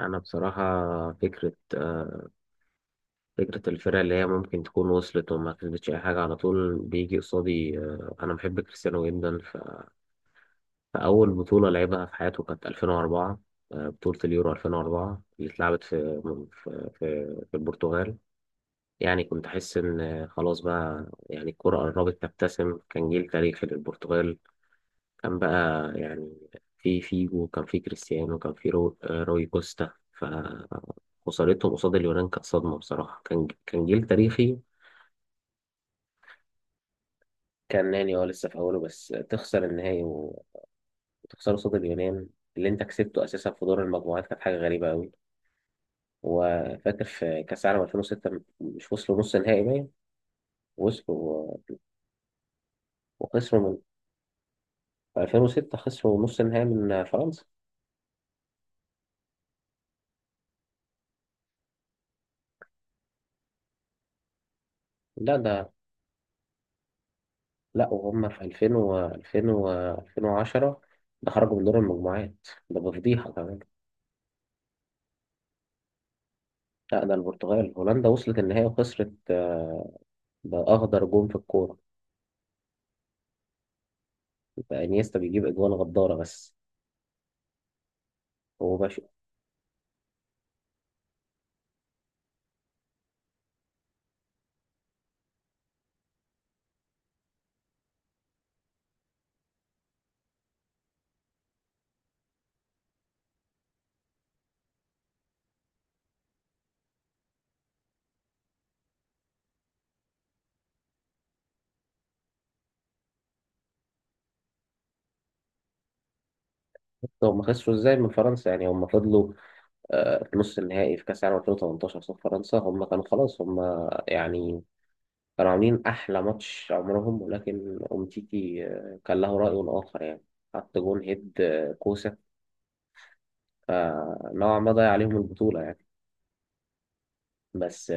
انا بصراحه، فكره آه، فكره الفرق اللي هي ممكن تكون وصلت وما كسبتش اي حاجه على طول بيجي قصادي. انا بحب كريستيانو جدا، فاول بطوله لعبها في حياته كانت 2004. بطوله اليورو 2004 اللي اتلعبت في البرتغال. يعني كنت احس ان خلاص، بقى يعني الكره قربت تبتسم. كان جيل تاريخي للبرتغال. كان بقى، يعني، في فيجو، كان في كريستيانو، كان في رو... آه، روي كوستا. فخسارتهم قصاد اليونان كانت صدمة بصراحة. كان جيل تاريخي. كان ناني اه لسه في أوله بس تخسر النهائي وتخسر قصاد اليونان اللي أنت كسبته أساسا في دور المجموعات كانت حاجة غريبة أوي وفاكر في كأس العالم 2006، مش وصلوا نص نهائي؟ باين وصلوا وخسروا من، في 2006 خسروا نص النهائي من فرنسا. لا ده لا وهم في 2000 و 2000 و 2010، ده خرجوا من دور المجموعات، ده بفضيحة كمان. لا ده البرتغال. هولندا وصلت النهائي وخسرت، بأخضر جون في الكورة. ده انيستا بيجيب أجوان غدارة بس، هو ماشي. هم خسروا ازاي من فرنسا؟ يعني هم فضلوا، في نص النهائي في كأس العالم 2018 قصاد فرنسا، هم كانوا خلاص، هم يعني كانوا عاملين أحلى ماتش عمرهم. ولكن أومتيتي كان له رأي آخر يعني، حط جون هيد، كوسة، فنوعا ما ضيع عليهم البطولة يعني. بس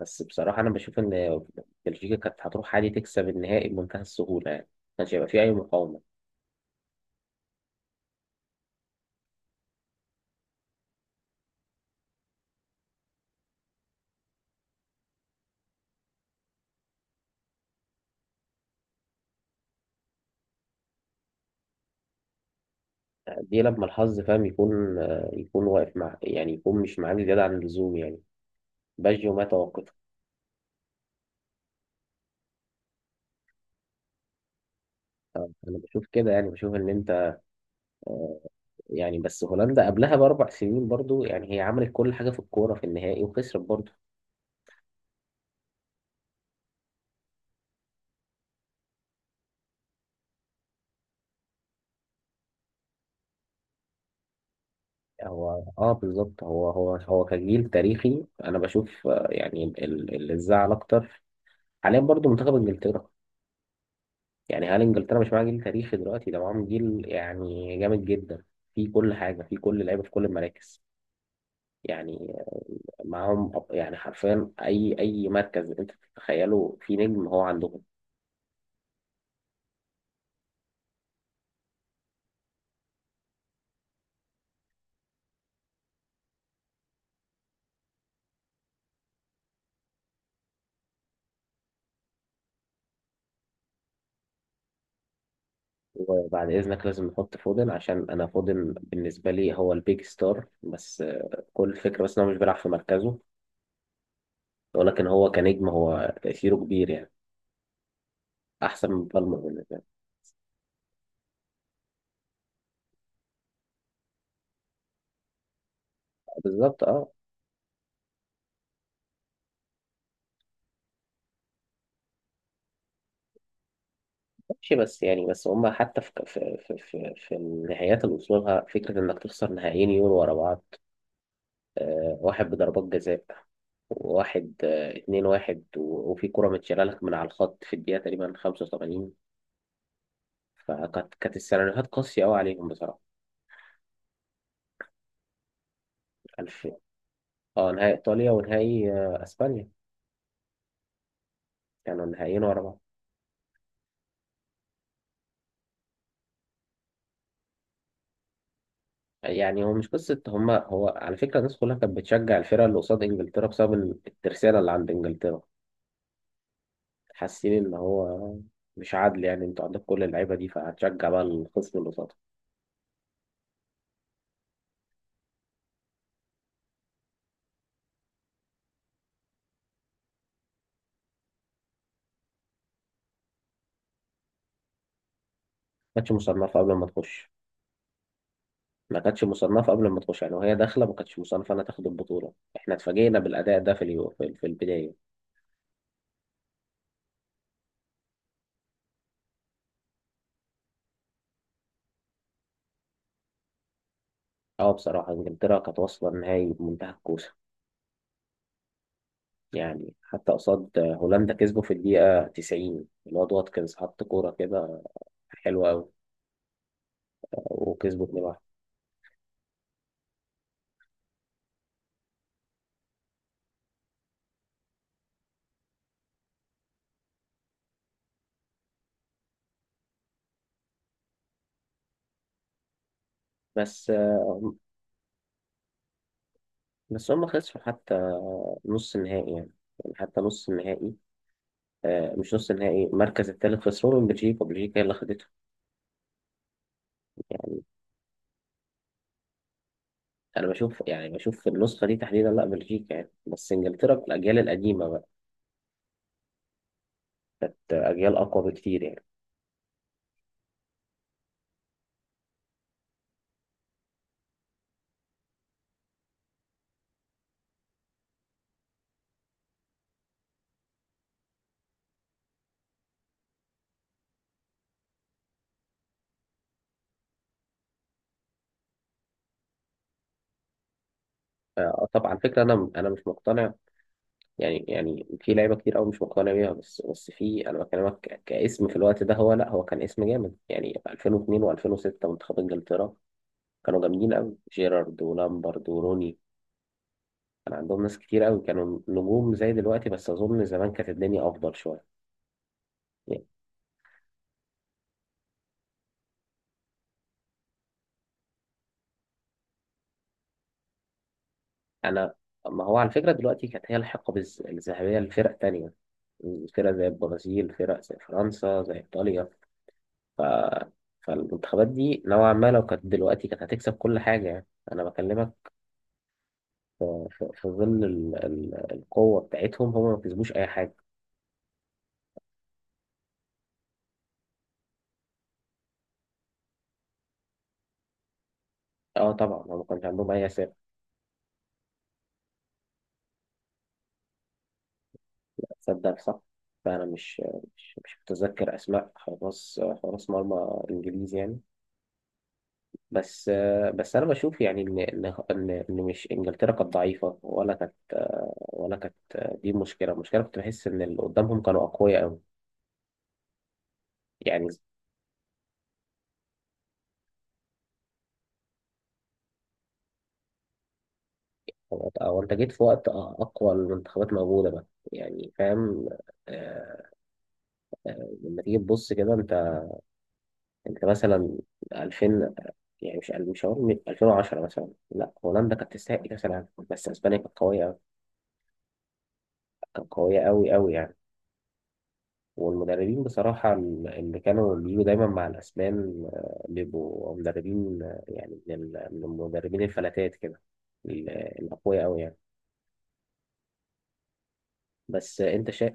بس بصراحة أنا بشوف إن بلجيكا كانت هتروح عادي تكسب النهائي بمنتهى السهولة يعني، كانش هيبقى فيه أي مقاومة. دي لما الحظ فاهم يكون، يكون واقف مع، يعني يكون مش معاك زيادة عن اللزوم يعني. باجيو ما توقفه. أنا بشوف كده، يعني بشوف إن أنت، يعني بس هولندا قبلها بـ4 سنين برضو، يعني هي عملت كل حاجة في الكورة في النهائي وخسرت برضو. هو اه بالظبط، هو كجيل تاريخي أنا بشوف. يعني اللي زعل أكتر حاليا برضو منتخب إنجلترا. يعني هل انجلترا مش معاها جيل تاريخي دلوقتي؟ ده معاهم جيل يعني جامد جدا في كل حاجه، في كل لعيبه، في كل المراكز يعني. معاهم يعني حرفيا اي مركز انت تتخيله، في نجم هو عندهم. وبعد اذنك لازم نحط فودن، عشان انا فودن بالنسبه لي هو البيج ستار. بس كل الفكره بس ان هو مش بيلعب في مركزه، ولكن هو كنجم، هو تاثيره كبير يعني، احسن من بالمر بالنسبه لي. بالظبط اه. ماشي بس يعني، بس هما حتى في النهايات اللي وصلوا لها، فكرة إنك تخسر نهائيين يورو ورا بعض، واحد بضربات جزاء، وواحد 2-1، وفي كرة متشالة لك من على الخط في الدقيقة تقريبا 85، فكانت كانت السيناريوهات قاسية أوي عليهم بصراحة. ألف. اه نهائي إيطاليا، ونهائي أسبانيا، كانوا نهائيين ورا بعض. يعني هو مش قصة هما، هو على فكرة الناس كلها كانت بتشجع الفرقة اللي قصاد إنجلترا، بسبب الترسانة اللي عند إنجلترا، حاسين ان هو مش عادل، يعني انتوا عندك كل اللعيبه دي فهتشجع بقى الخصم اللي قصادك. ما كانتش مصنفه قبل ما تخش. يعني وهي داخله ما كانتش مصنفه انها تاخد البطوله، احنا اتفاجئنا بالاداء ده في اليو- في في البدايه. اه بصراحه انجلترا كانت واصله النهائي بمنتهى الكوسه يعني. حتى قصاد هولندا كسبوا في الدقيقه 90، الواد واتكنز حط كوره كده حلوه قوي، وكسبوا 2-1. بس آه، بس هم خسروا حتى نص النهائي يعني حتى نص النهائي، مش نص النهائي، المركز الثالث، خسروا من بلجيكا. بلجيكا هي اللي خدتها. انا بشوف يعني، بشوف في النسخه دي تحديدا لا بلجيكا يعني، بس انجلترا في الاجيال القديمه بقت اجيال اقوى بكتير يعني. طبعا فكره، انا مش مقتنع يعني في لعيبه كتير قوي مش مقتنع بيها، بس في، انا بكلمك كاسم في الوقت ده، هو لا، هو كان اسم جامد يعني. 2002 و2006 منتخب انجلترا كانوا جامدين قوي، جيرارد ولامبرد وروني. كان عندهم ناس كتير قوي كانوا نجوم زي دلوقتي، بس اظن زمان كانت الدنيا افضل شويه يعني. انا ما هو على فكره دلوقتي كانت هي الحقبه الذهبيه لفرق تانية. فرق زي البرازيل، فرق زي فرنسا، زي ايطاليا. ف... فالمنتخبات دي نوعا ما لو كانت دلوقتي كانت هتكسب كل حاجه يعني. انا بكلمك في، في في ظل القوه بتاعتهم، هم ما كسبوش اي حاجه. اه طبعا هم ما كانش عندهم اي اسامي. تصدق صح. فانا مش، مش متذكر اسماء حراس، حراس مرمى انجليزي يعني. بس بس انا بشوف يعني ان ان ان إن مش انجلترا كانت ضعيفه، ولا كانت، ولا كانت، دي مشكله. المشكله كنت بحس ان اللي قدامهم كانوا اقوياء قوي يعني. هو هو انت جيت في وقت اقوى المنتخبات موجوده بقى، يعني فاهم. آه، لما تيجي تبص كده انت، انت مثلا 2000، يعني مش هقول 2010 مثلا، لا هولندا كانت تستحق كاس العالم، بس اسبانيا كانت قويه، كانت قويه قوي قوي يعني. والمدربين بصراحة اللي كانوا بيجوا دايما مع الأسبان، بيبقوا مدربين، يعني من من المدربين الفلاتات كده، الأقوياء أوي يعني. بس أنت شايف.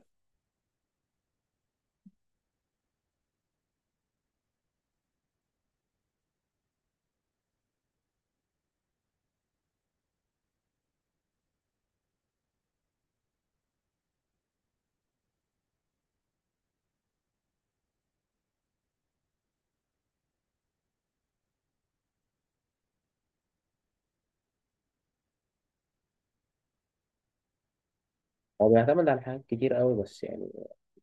هو بيعتمد على حاجات كتير أوي، بس يعني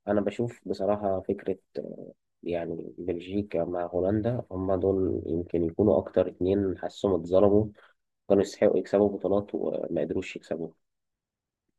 أنا بشوف بصراحة فكرة، يعني بلجيكا مع هولندا هما دول يمكن يكونوا أكتر اتنين حاسهم اتظلموا، كانوا يستحقوا يكسبوا بطولات وما قدروش يكسبوا.